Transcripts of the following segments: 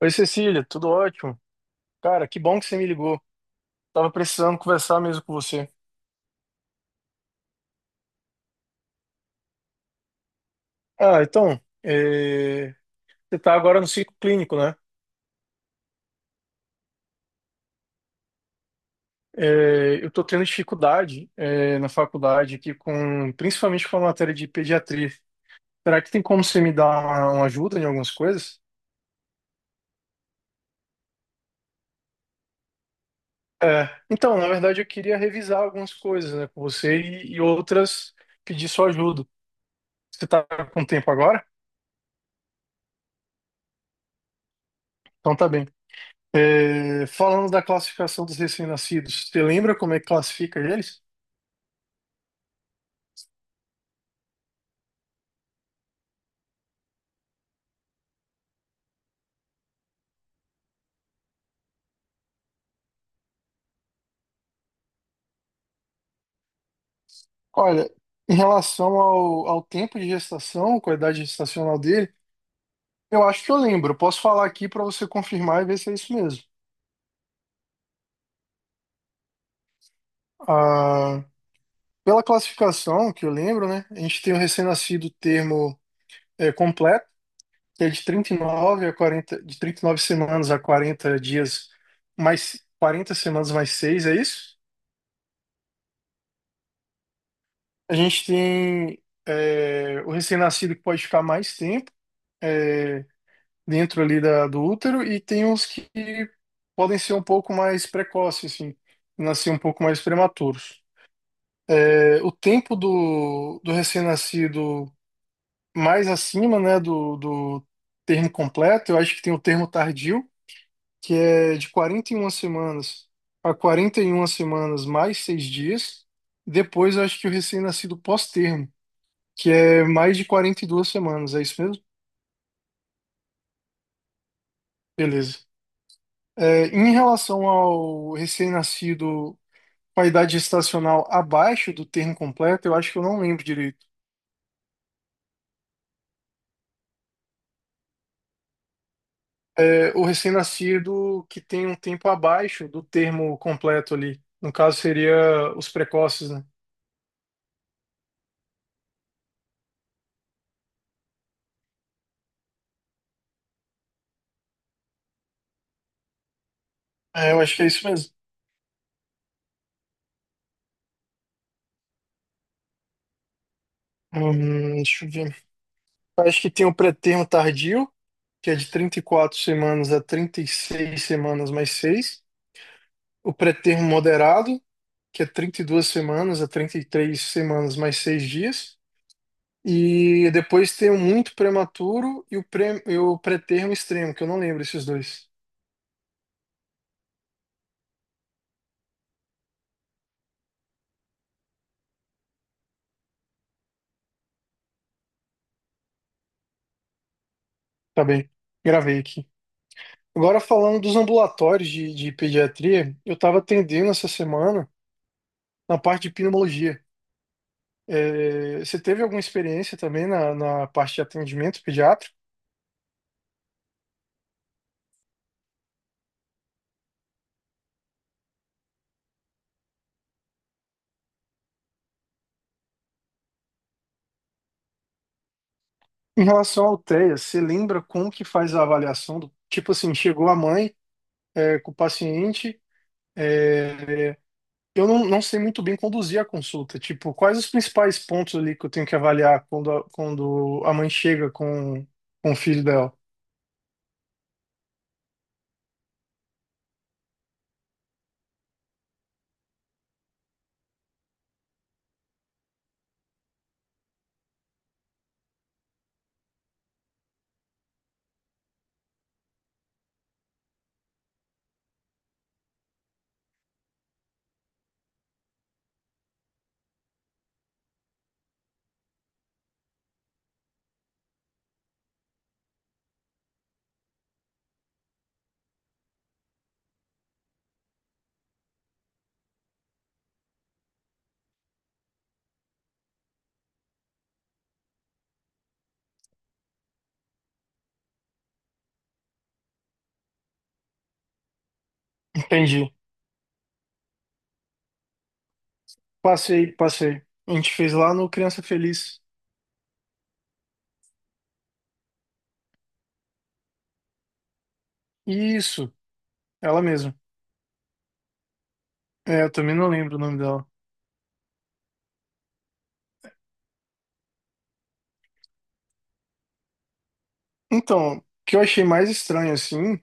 Oi, Cecília, tudo ótimo? Cara, que bom que você me ligou. Tava precisando conversar mesmo com você. Ah, então, você tá agora no ciclo clínico, né? Eu tô tendo dificuldade, na faculdade aqui principalmente com a matéria de pediatria. Será que tem como você me dar uma ajuda em algumas coisas? Então, na verdade, eu queria revisar algumas coisas, né, com você e outras pedir sua ajuda. Você tá com tempo agora? Então tá bem. Falando da classificação dos recém-nascidos, você lembra como é que classifica eles? Olha, em relação ao tempo de gestação, qualidade gestacional dele, eu acho que eu lembro. Eu posso falar aqui para você confirmar e ver se é isso mesmo. Ah, pela classificação que eu lembro, né? A gente tem o recém-nascido termo completo, que é de 39 a 40, de 39 semanas a 40 dias mais 40 semanas mais 6, é isso? A gente tem o recém-nascido que pode ficar mais tempo, é, dentro ali do útero, e tem uns que podem ser um pouco mais precoces, assim, nascer um pouco mais prematuros. O tempo do recém-nascido mais acima, né, do termo completo, eu acho que tem o termo tardio, que é de 41 semanas a 41 semanas mais 6 dias. Depois, eu acho que o recém-nascido pós-termo que é mais de 42 semanas, é isso mesmo? Beleza. Em relação ao recém-nascido com a idade gestacional abaixo do termo completo, eu acho que eu não lembro direito. O recém-nascido que tem um tempo abaixo do termo completo ali. No caso, seria os precoces, né? Eu acho que é isso mesmo. Deixa eu ver. Eu acho que tem o pré-termo tardio, que é de 34 semanas a 36 semanas mais seis. O pré-termo moderado, que é 32 semanas a 33 semanas mais 6 dias. E depois tem o muito prematuro e o pré-termo extremo, que eu não lembro esses dois. Tá bem, gravei aqui. Agora falando dos ambulatórios de pediatria, eu estava atendendo essa semana na parte de pneumologia. Você teve alguma experiência também na parte de atendimento pediátrico? Em relação ao TEA, você lembra como que faz a avaliação do, tipo assim, chegou a mãe, com o paciente. Eu não sei muito bem conduzir a consulta. Tipo, quais os principais pontos ali que eu tenho que avaliar quando a mãe chega com o filho dela? Entendi. Passei, passei. A gente fez lá no Criança Feliz. Isso, ela mesma. Eu também não lembro o nome dela. Então, o que eu achei mais estranho, assim,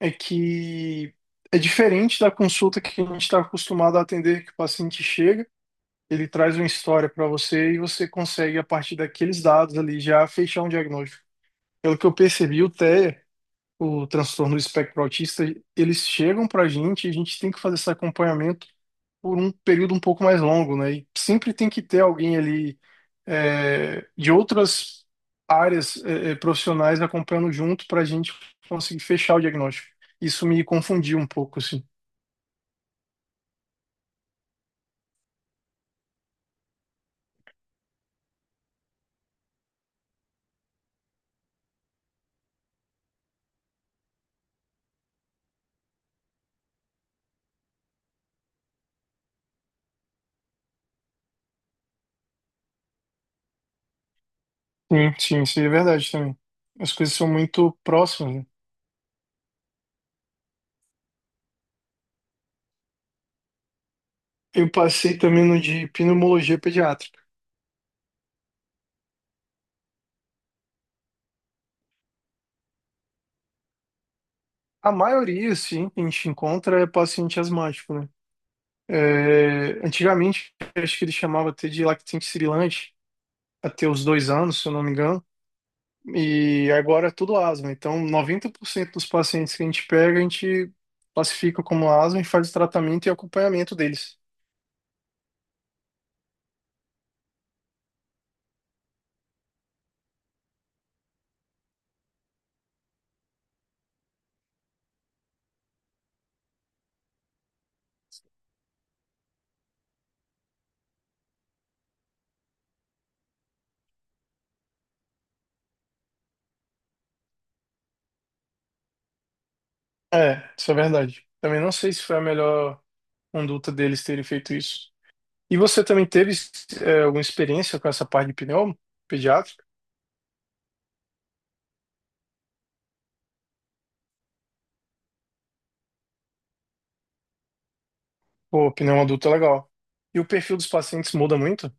é que é diferente da consulta que a gente está acostumado a atender, que o paciente chega, ele traz uma história para você e você consegue, a partir daqueles dados ali, já fechar um diagnóstico. Pelo que eu percebi, o TEA, o transtorno do espectro autista, eles chegam pra gente e a gente tem que fazer esse acompanhamento por um período um pouco mais longo, né? E sempre tem que ter alguém ali, de outras áreas, profissionais acompanhando junto pra gente conseguir fechar o diagnóstico. Isso me confundiu um pouco, assim. Sim, sim, isso é verdade também. As coisas são muito próximas, né? Eu passei também no de pneumologia pediátrica. A maioria, sim, que a gente encontra é paciente asmático, né? Antigamente, acho que ele chamava até de lactente sibilante, até os 2 anos, se eu não me engano, e agora é tudo asma. Então, 90% dos pacientes que a gente pega, a gente classifica como asma e faz o tratamento e acompanhamento deles. Isso é verdade. Também não sei se foi a melhor conduta deles terem feito isso. E você também teve, alguma experiência com essa parte de pneumo pediátrica? Pô, pneumo adulto é legal. E o perfil dos pacientes muda muito?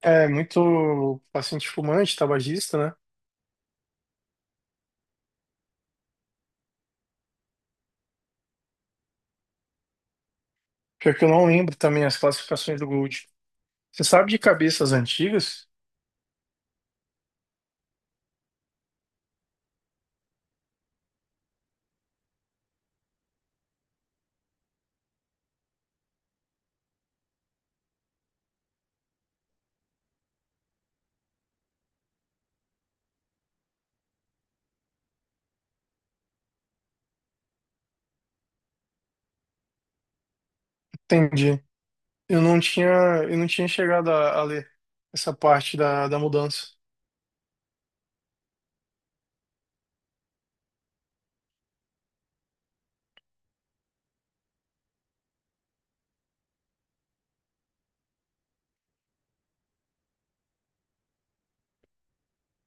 É muito paciente fumante, tabagista, né? Pior que eu não lembro também as classificações do Gold. Você sabe de cabeças antigas? Entendi. Eu não tinha, eu não tinha chegado a ler essa parte da mudança.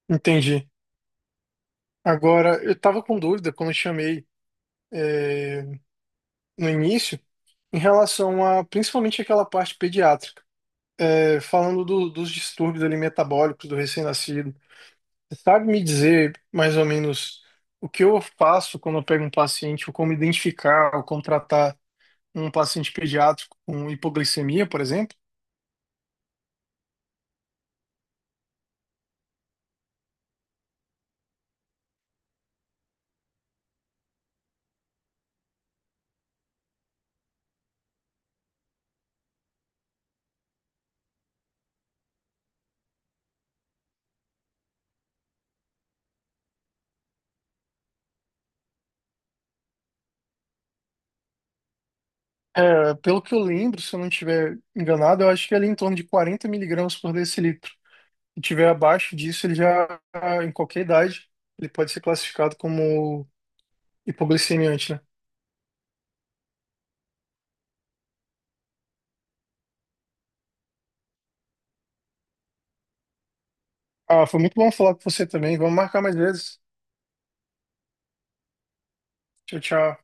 Entendi. Agora, eu estava com dúvida quando eu chamei no início em relação a principalmente aquela parte pediátrica. Falando dos distúrbios ali metabólicos do recém-nascido. Você sabe me dizer mais ou menos o que eu faço quando eu pego um paciente, ou como identificar ou contratar um paciente pediátrico com hipoglicemia, por exemplo? Pelo que eu lembro, se eu não estiver enganado, eu acho que é ali em torno de 40 mg/dL. Se tiver abaixo disso, ele já, em qualquer idade, ele pode ser classificado como hipoglicemiante, né? Ah, foi muito bom falar com você também. Vamos marcar mais vezes. Tchau, tchau.